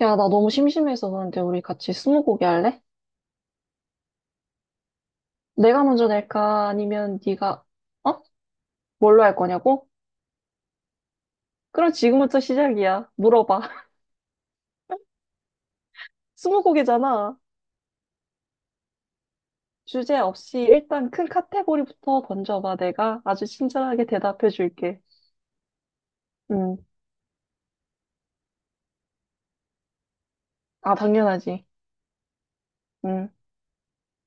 야, 나 너무 심심해서 그런데 우리 같이 스무고개 할래? 내가 먼저 낼까? 아니면 네가 어? 뭘로 할 거냐고? 그럼 지금부터 시작이야. 물어봐. 스무고개잖아. 주제 없이 일단 큰 카테고리부터 던져봐. 내가 아주 친절하게 대답해 줄게. 음. 아, 당연하지. 음.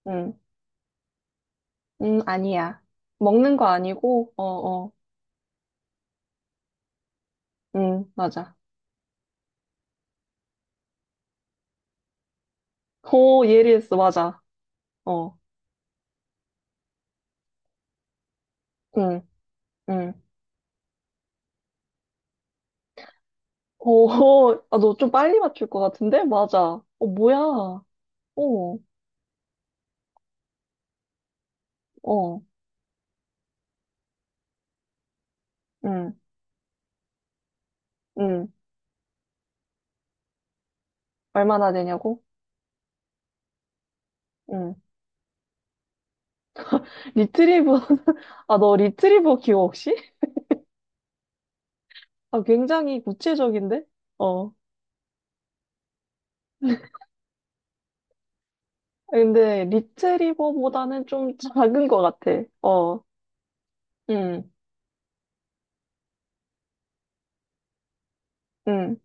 음. 아니야. 먹는 거 아니고, 어. 맞아. 오, 예리했어. 맞아. 어. 음. 음. 어, 아, 너 좀 빨리 맞출 것 같은데? 맞아. 어, 뭐야. 어, 어, 응, 응. 얼마나 되냐고? 응. 리트리버, 아, 너 리트리버 기억 혹시? 아, 굉장히 구체적인데? 어. 근데 리트리버보다는 좀 작은 것 같아. 응, 응,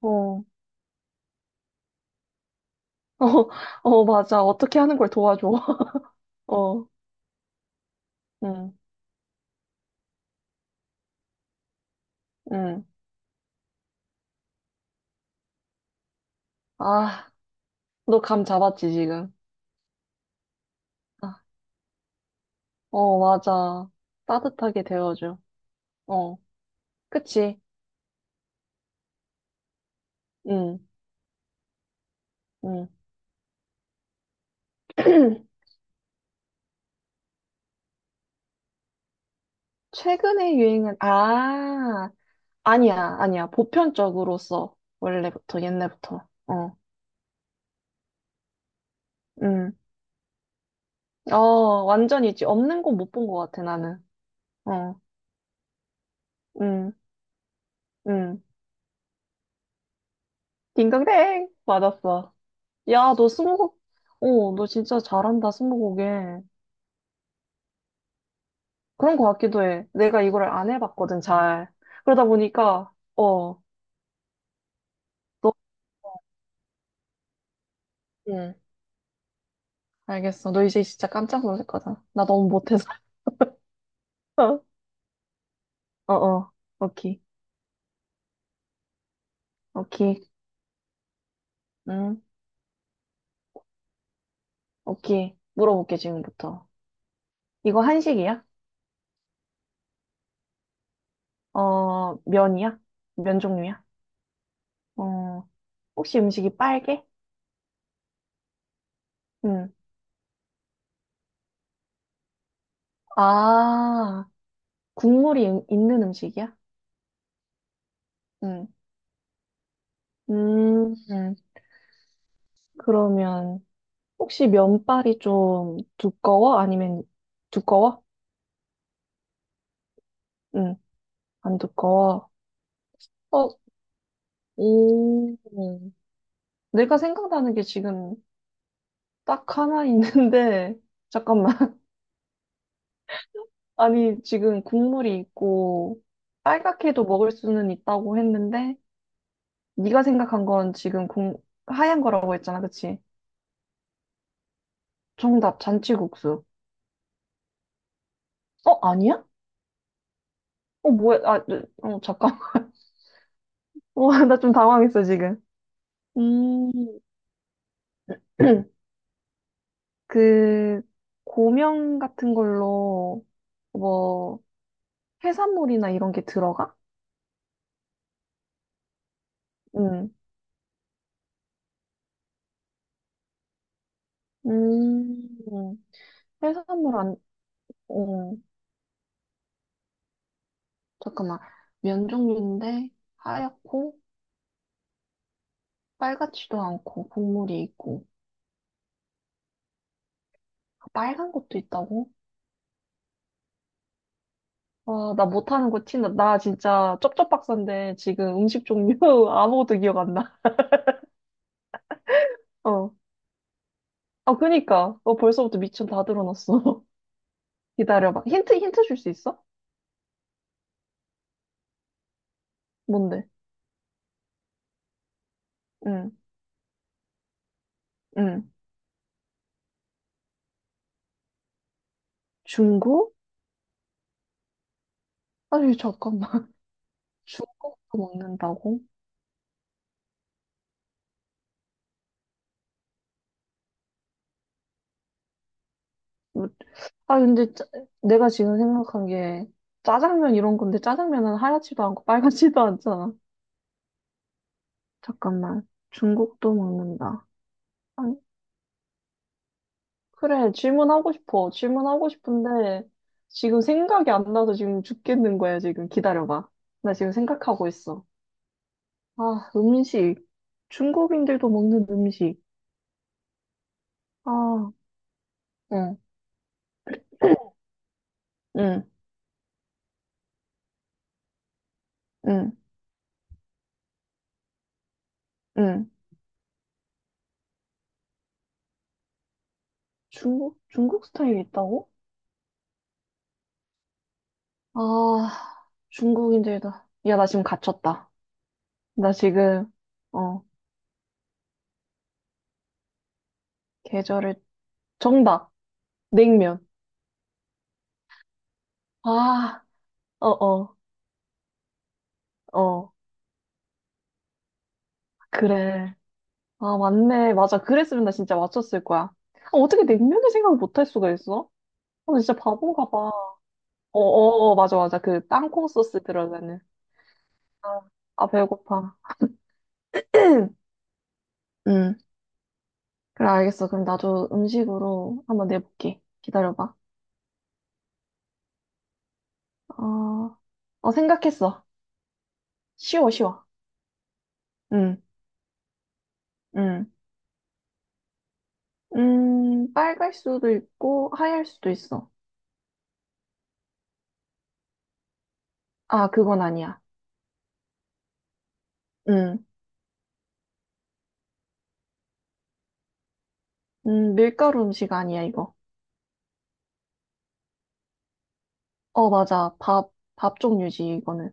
어, 어, 어, 맞아. 어떻게 하는 걸 도와줘. 어, 응, 응. 아, 너 감 잡았지, 지금? 아, 어, 맞아. 따뜻하게 데워줘. 어. 그치? 응, 응. 최근에 유행은, 아, 아니야, 아니야. 보편적으로 써. 원래부터, 옛날부터. 어, 응. 어, 완전이지. 없는 건 못 본 것 같아, 나는. 어, 응, 응. 딩동댕! 맞았어. 야, 너 스무고개, 어, 너 진짜 잘한다, 스무고개. 그런 것 같기도 해. 내가 이걸 안 해봤거든, 잘. 그러다 보니까, 어, 너, 응, 알겠어. 너 이제 진짜 깜짝 놀랄 거다. 나 너무 못해서. 어 어, 오케이, 오케이, 응, 오케이. 물어볼게, 지금부터. 이거 한식이야? 어, 면이야? 면 종류야? 어, 혹시 음식이 빨개? 응. 아, 국물이 있는 음식이야? 응. 음, 음. 그러면, 혹시 면발이 좀 두꺼워? 아니면 두꺼워? 응, 안 두꺼워. 어, 오, 내가 생각나는 게 지금 딱 하나 있는데, 잠깐만. 아니, 지금 국물이 있고 빨갛게도 먹을 수는 있다고 했는데 네가 생각한 건 지금 공, 하얀 거라고 했잖아, 그치? 정답, 잔치국수. 어, 아니야? 어, 뭐야? 아, 네, 어, 잠깐. 와, 나 좀 당황했어, 지금. 음, 그 고명 같은 걸로 뭐 해산물이나 이런 게 들어가? 응. 음, 해산물 안, 어, 잠깐만. 면 종류인데 하얗고 빨갛지도 않고 국물이 있고 아, 빨간 것도 있다고? 와, 나 못하는 거 티 나. 나 진짜 쩝쩝박사인데 지금 음식 종류 아무것도 기억 안 나. 어. 아, 그니까. 어, 벌써부터 미천 다 들어놨어. 기다려봐. 힌트, 힌트 줄 수 있어? 뭔데? 응, 응. 중국? 아니, 잠깐만. 중국도 먹는다고? 뭐- 아, 근데 내가 지금 생각한 게 짜장면 이런 건데 짜장면은 하얗지도 않고 빨갛지도 않잖아. 잠깐만. 중국도 먹는다. 그래, 질문하고 싶어. 질문하고 싶은데, 지금 생각이 안 나서 지금 죽겠는 거야, 지금. 기다려봐. 나 지금 생각하고 있어. 아, 음식. 중국인들도 먹는 음식. 아, 응, 응, 응, 응. 중국, 중국 스타일이 있다고? 아, 중국인들도. 야, 나 지금 갇혔다. 나 지금, 어, 계절을, 정답. 냉면. 아, 어, 어, 어. 그래. 아, 맞네. 맞아. 그랬으면 나 진짜 맞췄을 거야. 아, 어떻게 냉면을 생각을 못 할 수가 있어? 아, 진짜 바본가 봐. 어, 어, 어, 맞아, 맞아. 그 땅콩 소스 들어가는. 아, 아, 배고파. 응. 그래, 알겠어. 그럼 나도 음식으로 한번 내볼게. 기다려봐. 어, 어, 생각했어. 쉬워, 쉬워. 응, 응. 빨갈 수도 있고, 하얄 수도 있어. 아, 그건 아니야. 응. 밀가루 음식 아니야, 이거. 어, 맞아. 밥, 밥 종류지, 이거는.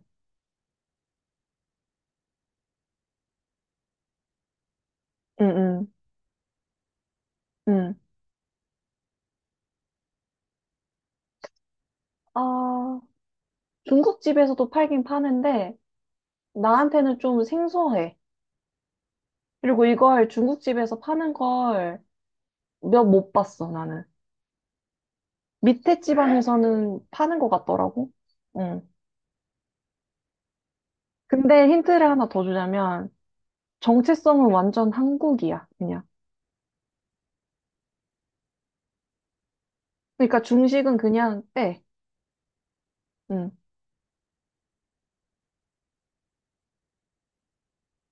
응, 응, 응. 아, 중국집에서도 팔긴 파는데, 나한테는 좀 생소해. 그리고 이걸 중국집에서 파는 걸 몇 못 봤어, 나는. 밑에 지방에서는 파는 것 같더라고. 응. 근데 힌트를 하나 더 주자면, 정체성은 완전 한국이야, 그냥. 그러니까 중식은 그냥 빼. 응.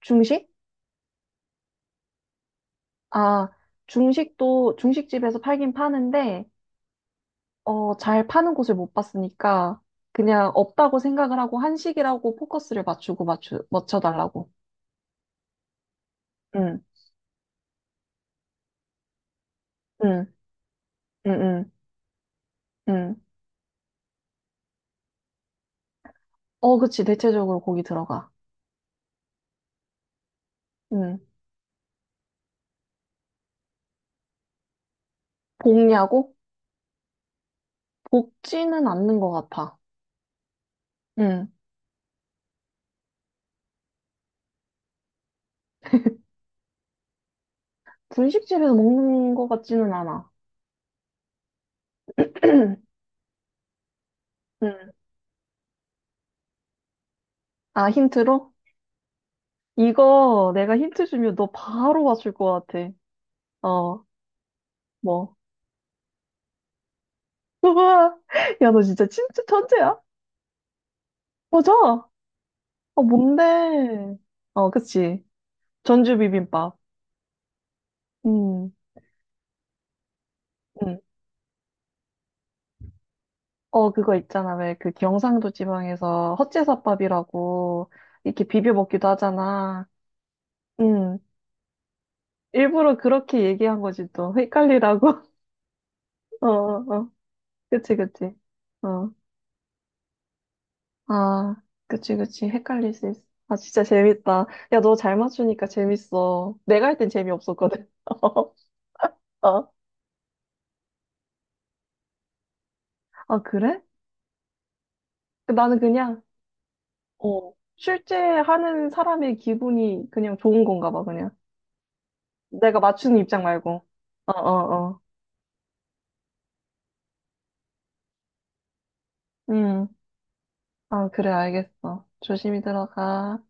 중식? 아, 중식도, 중식집에서 팔긴 파는데, 어, 잘 파는 곳을 못 봤으니까 그냥 없다고 생각을 하고 한식이라고 포커스를 맞춰달라고. 응, 응, 응, 응, 응. 어, 그치. 대체적으로 고기 들어가. 응. 볶냐고? 볶지는 않는 것 같아. 응. 분식집에서 먹는 것 같지는 않아. 응. 아, 힌트로? 이거 내가 힌트 주면 너 바로 맞출 것 같아. 어, 뭐. 우와, 야, 너 진짜 진짜 천재야? 맞아. 어, 뭔데? 어, 그치. 전주 비빔밥. 음, 음. 어, 그거 있잖아. 왜 그 경상도 지방에서 헛제사밥이라고 이렇게 비벼 먹기도 하잖아. 음, 일부러 그렇게 얘기한 거지, 또. 헷갈리라고. 어, 어, 어. 그치, 그치. 어. 아, 그치, 그치. 헷갈릴 수 있어. 아, 진짜 재밌다. 야, 너 잘 맞추니까 재밌어. 내가 할 땐 재미없었거든. 어, 아, 그래? 나는 그냥 어, 실제 하는 사람의 기분이 그냥 좋은 건가 봐, 그냥. 내가 맞추는 입장 말고. 어, 어, 어. 음. 아, 그래, 알겠어. 조심히 들어가.